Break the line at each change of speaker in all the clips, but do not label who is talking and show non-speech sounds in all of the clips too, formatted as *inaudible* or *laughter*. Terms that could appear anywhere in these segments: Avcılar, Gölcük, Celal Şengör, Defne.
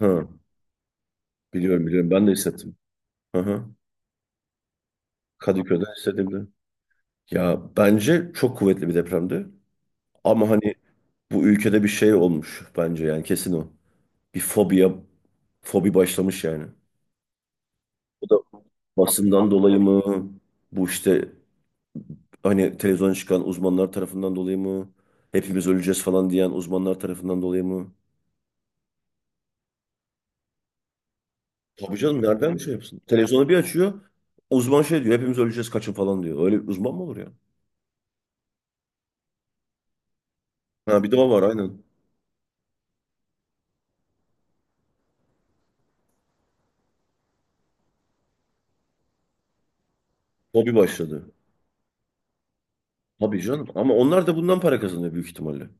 Ha, biliyorum biliyorum ben de hissettim. Hı hı. Kadıköy'de hissedildi. Ya bence çok kuvvetli bir depremdi. Ama hani bu ülkede bir şey olmuş bence yani kesin o. Bir fobiya, fobi başlamış yani. Bu da basından dolayı mı? Bu işte hani televizyona çıkan uzmanlar tarafından dolayı mı? Hepimiz öleceğiz falan diyen uzmanlar tarafından dolayı mı? Tabii canım, nereden şey yapsın? Televizyonu bir açıyor. Uzman şey diyor, hepimiz öleceğiz kaçın falan diyor. Öyle bir uzman mı olur ya? Ha, bir de o var aynen. Hobi başladı. Tabii canım. Ama onlar da bundan para kazanıyor büyük ihtimalle.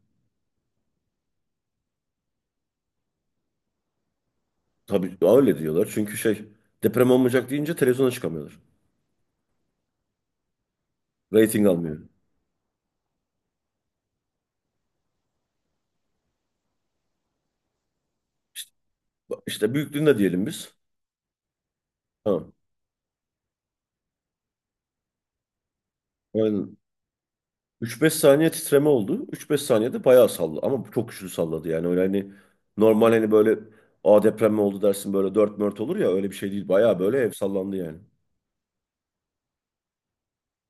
Tabii öyle diyorlar. Çünkü şey deprem olmayacak deyince televizyona çıkamıyorlar. Rating almıyor. İşte, işte büyüklüğünde diyelim biz. Ha. Aynen. 3-5 saniye titreme oldu. 3-5 saniyede bayağı salladı. Ama çok güçlü salladı yani. Öyle hani normal hani böyle a deprem mi oldu dersin, böyle dört mört olur ya, öyle bir şey değil. Bayağı böyle ev sallandı yani.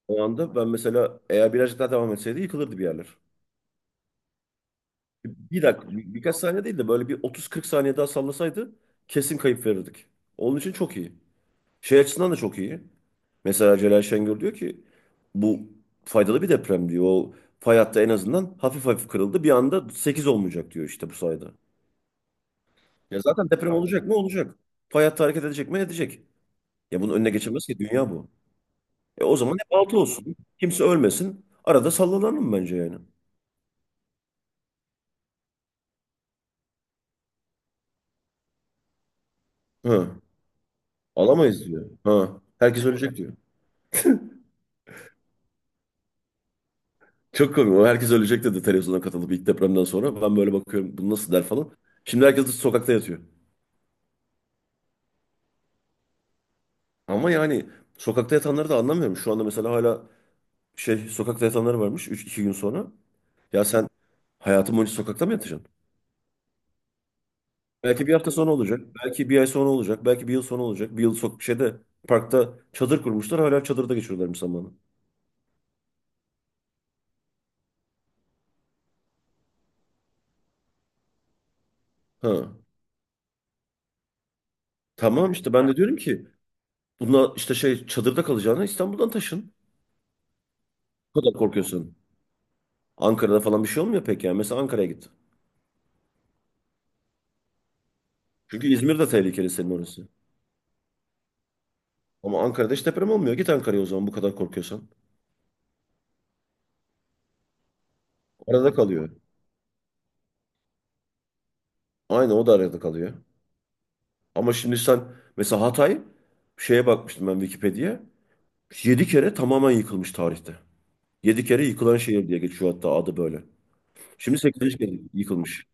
O anda ben mesela eğer birazcık daha devam etseydi yıkılırdı bir yerler. Bir dakika, bir- birkaç saniye değil de böyle bir 30-40 saniye daha sallasaydı kesin kayıp verirdik. Onun için çok iyi. Şey açısından da çok iyi. Mesela Celal Şengör diyor ki bu faydalı bir deprem diyor. O fay hattı en azından hafif hafif kırıldı. Bir anda 8 olmayacak diyor işte bu sayede. Ya zaten deprem olacak mı olacak. Fay hattı hareket edecek mi edecek. Ya bunun önüne geçemez ki, dünya bu. E o zaman hep altı olsun. Kimse ölmesin. Arada sallanalım bence yani. Hı. Alamayız diyor. Ha. Herkes ölecek diyor. Çok komik. O herkes ölecek dedi televizyona katılıp ilk depremden sonra. Ben böyle bakıyorum, bu nasıl der falan. Şimdi herkes de sokakta yatıyor. Ama yani sokakta yatanları da anlamıyorum. Şu anda mesela hala şey sokakta yatanları varmış 3-2 gün sonra. Ya sen hayatın boyunca sokakta mı yatacaksın? Belki bir hafta sonra olacak. Belki bir ay sonra olacak. Belki bir yıl sonra olacak. Bir yıl sok şeyde parkta çadır kurmuşlar. Hala çadırda geçiriyorlarmış zamanı. Ha. Tamam işte, ben de diyorum ki buna işte şey çadırda kalacağına İstanbul'dan taşın. Bu kadar korkuyorsun. Ankara'da falan bir şey olmuyor pek yani. Mesela Ankara'ya git. Çünkü İzmir de tehlikeli senin orası. Ama Ankara'da hiç deprem olmuyor. Git Ankara'ya o zaman bu kadar korkuyorsan. Arada kalıyor. Aynı o da arada kalıyor. Ama şimdi sen mesela Hatay şeye bakmıştım ben, Wikipedia'ya. 7 kere tamamen yıkılmış tarihte. 7 kere yıkılan şehir diye geçiyor hatta adı böyle. Şimdi 8. kere yıkılmış.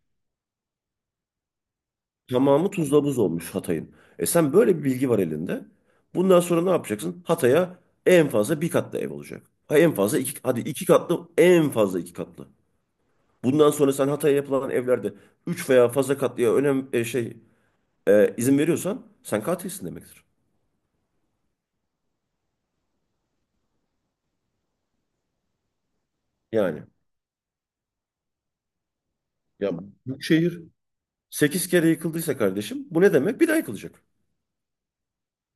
Tamamı tuzla buz olmuş Hatay'ın. E sen böyle bir bilgi var elinde. Bundan sonra ne yapacaksın? Hatay'a en fazla bir katlı ev olacak. Ha, en fazla iki, hadi iki katlı, en fazla iki katlı. Bundan sonra sen Hatay'a yapılan evlerde 3 veya fazla katlıya önem izin veriyorsan sen katilsin demektir. Yani ya bu şehir 8 kere yıkıldıysa kardeşim bu ne demek? Bir daha yıkılacak.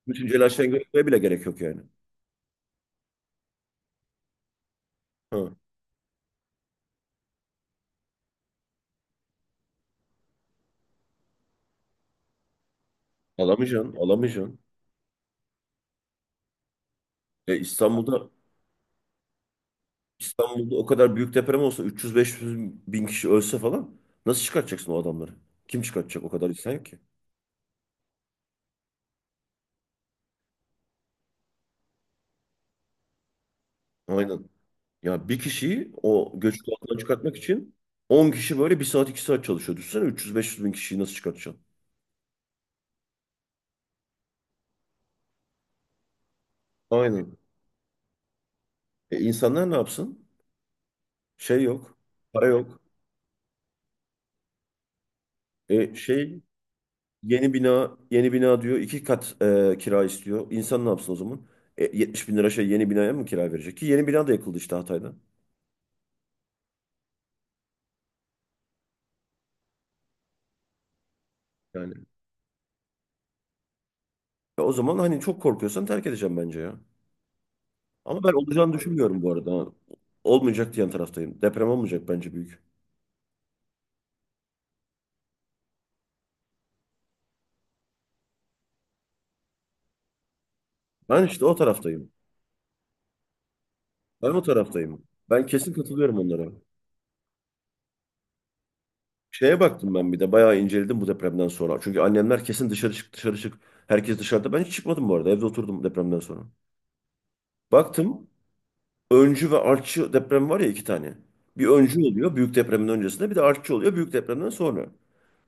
Bütün telaştan görmeye bile gerek yok yani. Ha. Alamayacaksın, alamayacaksın. E, İstanbul'da İstanbul'da o kadar büyük deprem olsa 300-500 bin kişi ölse falan nasıl çıkartacaksın o adamları? Kim çıkartacak, o kadar insan yok ki? Aynen. Ya bir kişiyi o göçük altından çıkartmak için 10 kişi böyle bir saat 2 saat çalışıyor. Düşünsene 300-500 bin kişiyi nasıl çıkartacaksın? Aynen. E, insanlar ne yapsın? Şey yok. Para yok. E, şey yeni bina yeni bina diyor. İki kat kira istiyor. İnsan ne yapsın o zaman? E, 70 bin lira şey yeni binaya mı kira verecek? Ki yeni bina da yakıldı işte Hatay'da. Yani. E, o zaman hani çok korkuyorsan terk edeceğim bence ya. Ama ben olacağını düşünmüyorum bu arada. Olmayacak diyen taraftayım. Deprem olmayacak bence büyük. Ben işte o taraftayım. Ben o taraftayım. Ben kesin katılıyorum onlara. Şeye baktım ben bir de bayağı inceledim bu depremden sonra. Çünkü annemler kesin dışarı çık dışarı çık. Herkes dışarıda. Ben hiç çıkmadım bu arada. Evde oturdum depremden sonra. Baktım öncü ve artçı deprem var ya, iki tane. Bir öncü oluyor büyük depremin öncesinde, bir de artçı oluyor büyük depremden sonra.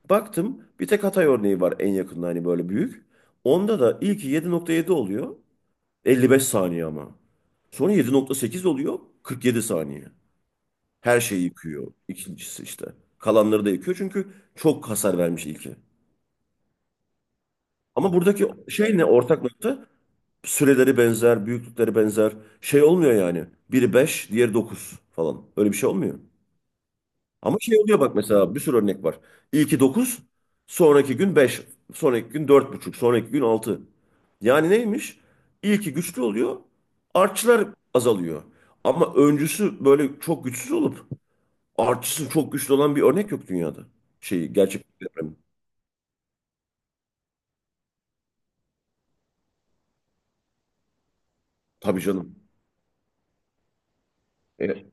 Baktım bir tek Hatay örneği var en yakında hani böyle büyük. Onda da ilki 7.7 oluyor. 55 saniye ama. Sonra 7.8 oluyor, 47 saniye. Her şeyi yıkıyor. İkincisi işte. Kalanları da yıkıyor çünkü çok hasar vermiş ilki. Ama buradaki şey ne ortak nokta? Süreleri benzer, büyüklükleri benzer. Şey olmuyor yani. Biri 5 diğeri 9 falan. Öyle bir şey olmuyor. Ama şey oluyor, bak mesela bir sürü örnek var. İlki dokuz, sonraki gün beş, sonraki gün dört buçuk, sonraki gün altı. Yani neymiş? İlki güçlü oluyor, artçılar azalıyor. Ama öncüsü böyle çok güçsüz olup artısı çok güçlü olan bir örnek yok dünyada. Şeyi gerçek bir deprem. Tabii canım. E,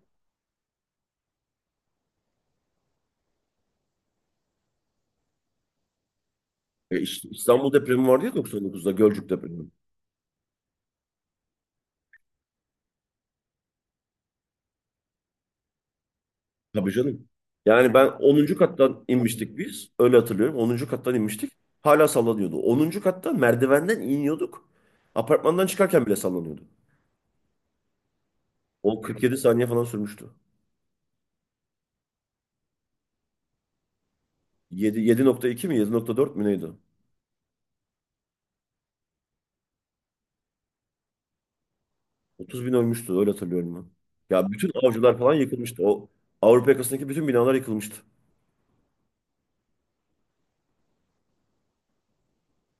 İstanbul depremi vardı ya 99'da, Gölcük depremi. Tabii canım. Yani ben onuncu kattan inmiştik biz. Öyle hatırlıyorum, onuncu kattan inmiştik. Hala sallanıyordu. Onuncu katta merdivenden iniyorduk. Apartmandan çıkarken bile sallanıyordu. O 47 saniye falan sürmüştü. 7, 7.2 mi 7.4 mü neydi? 30 bin ölmüştü öyle hatırlıyorum ben. Ya bütün avcılar falan yıkılmıştı. O Avrupa yakasındaki bütün binalar yıkılmıştı.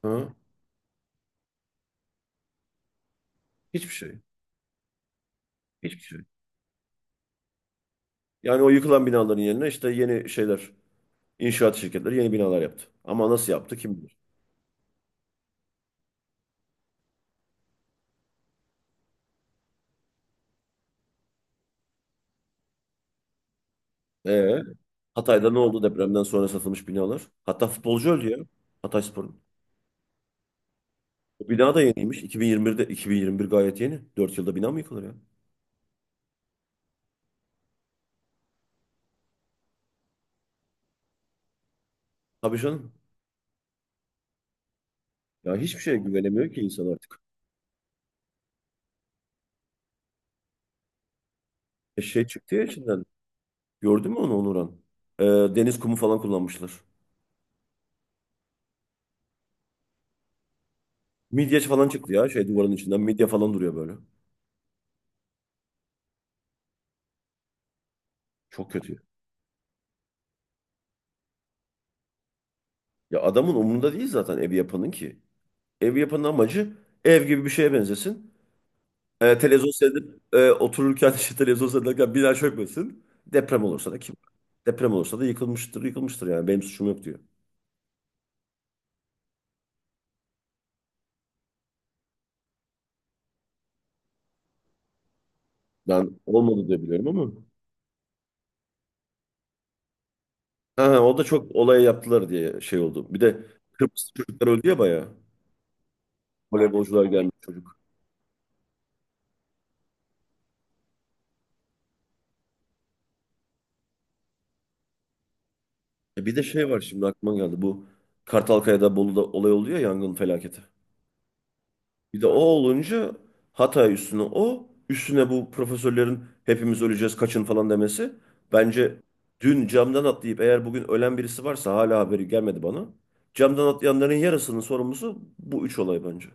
Ha? Hiçbir şey. Hiçbir şey yok. Yani o yıkılan binaların yerine işte yeni şeyler, inşaat şirketleri yeni binalar yaptı. Ama nasıl yaptı kim bilir. Ee, Hatay'da ne oldu depremden sonra satılmış binalar? Hatta futbolcu öldü ya. Hatayspor'un. O bina da yeniymiş. 2021'de, 2021 gayet yeni. 4 yılda bina mı yıkılır ya? Tabii canım. Ya hiçbir şeye güvenemiyor ki insan artık. E şey çıktı ya içinden. Gördün mü onu Onuran? Ee, deniz kumu falan kullanmışlar. Midye falan çıktı ya şey duvarın içinden. Midye falan duruyor böyle. Çok kötü. Ya adamın umurunda değil zaten evi yapanın ki. Ev yapının amacı ev gibi bir şeye benzesin. E, televizyon seyredip otururken *laughs* işte televizyon seyrederken bina çökmesin. Deprem olursa da kim? Deprem olursa da yıkılmıştır, yıkılmıştır yani benim suçum yok diyor. Ben olmadı diye biliyorum ama. Ha, ha, o da çok olay yaptılar diye şey oldu. Bir de Kıbrıs çocuklar öldü ya bayağı. Voleybolcular gelmiş çocuk. E, bir de şey var şimdi aklıma geldi, bu Kartalkaya'da, Bolu'da olay oluyor ya, yangın felaketi. Bir de o olunca Hatay üstüne, o üstüne bu profesörlerin hepimiz öleceğiz kaçın falan demesi. Bence dün camdan atlayıp eğer bugün ölen birisi varsa hala haberi gelmedi bana. Camdan atlayanların yarısının sorumlusu bu üç olay bence.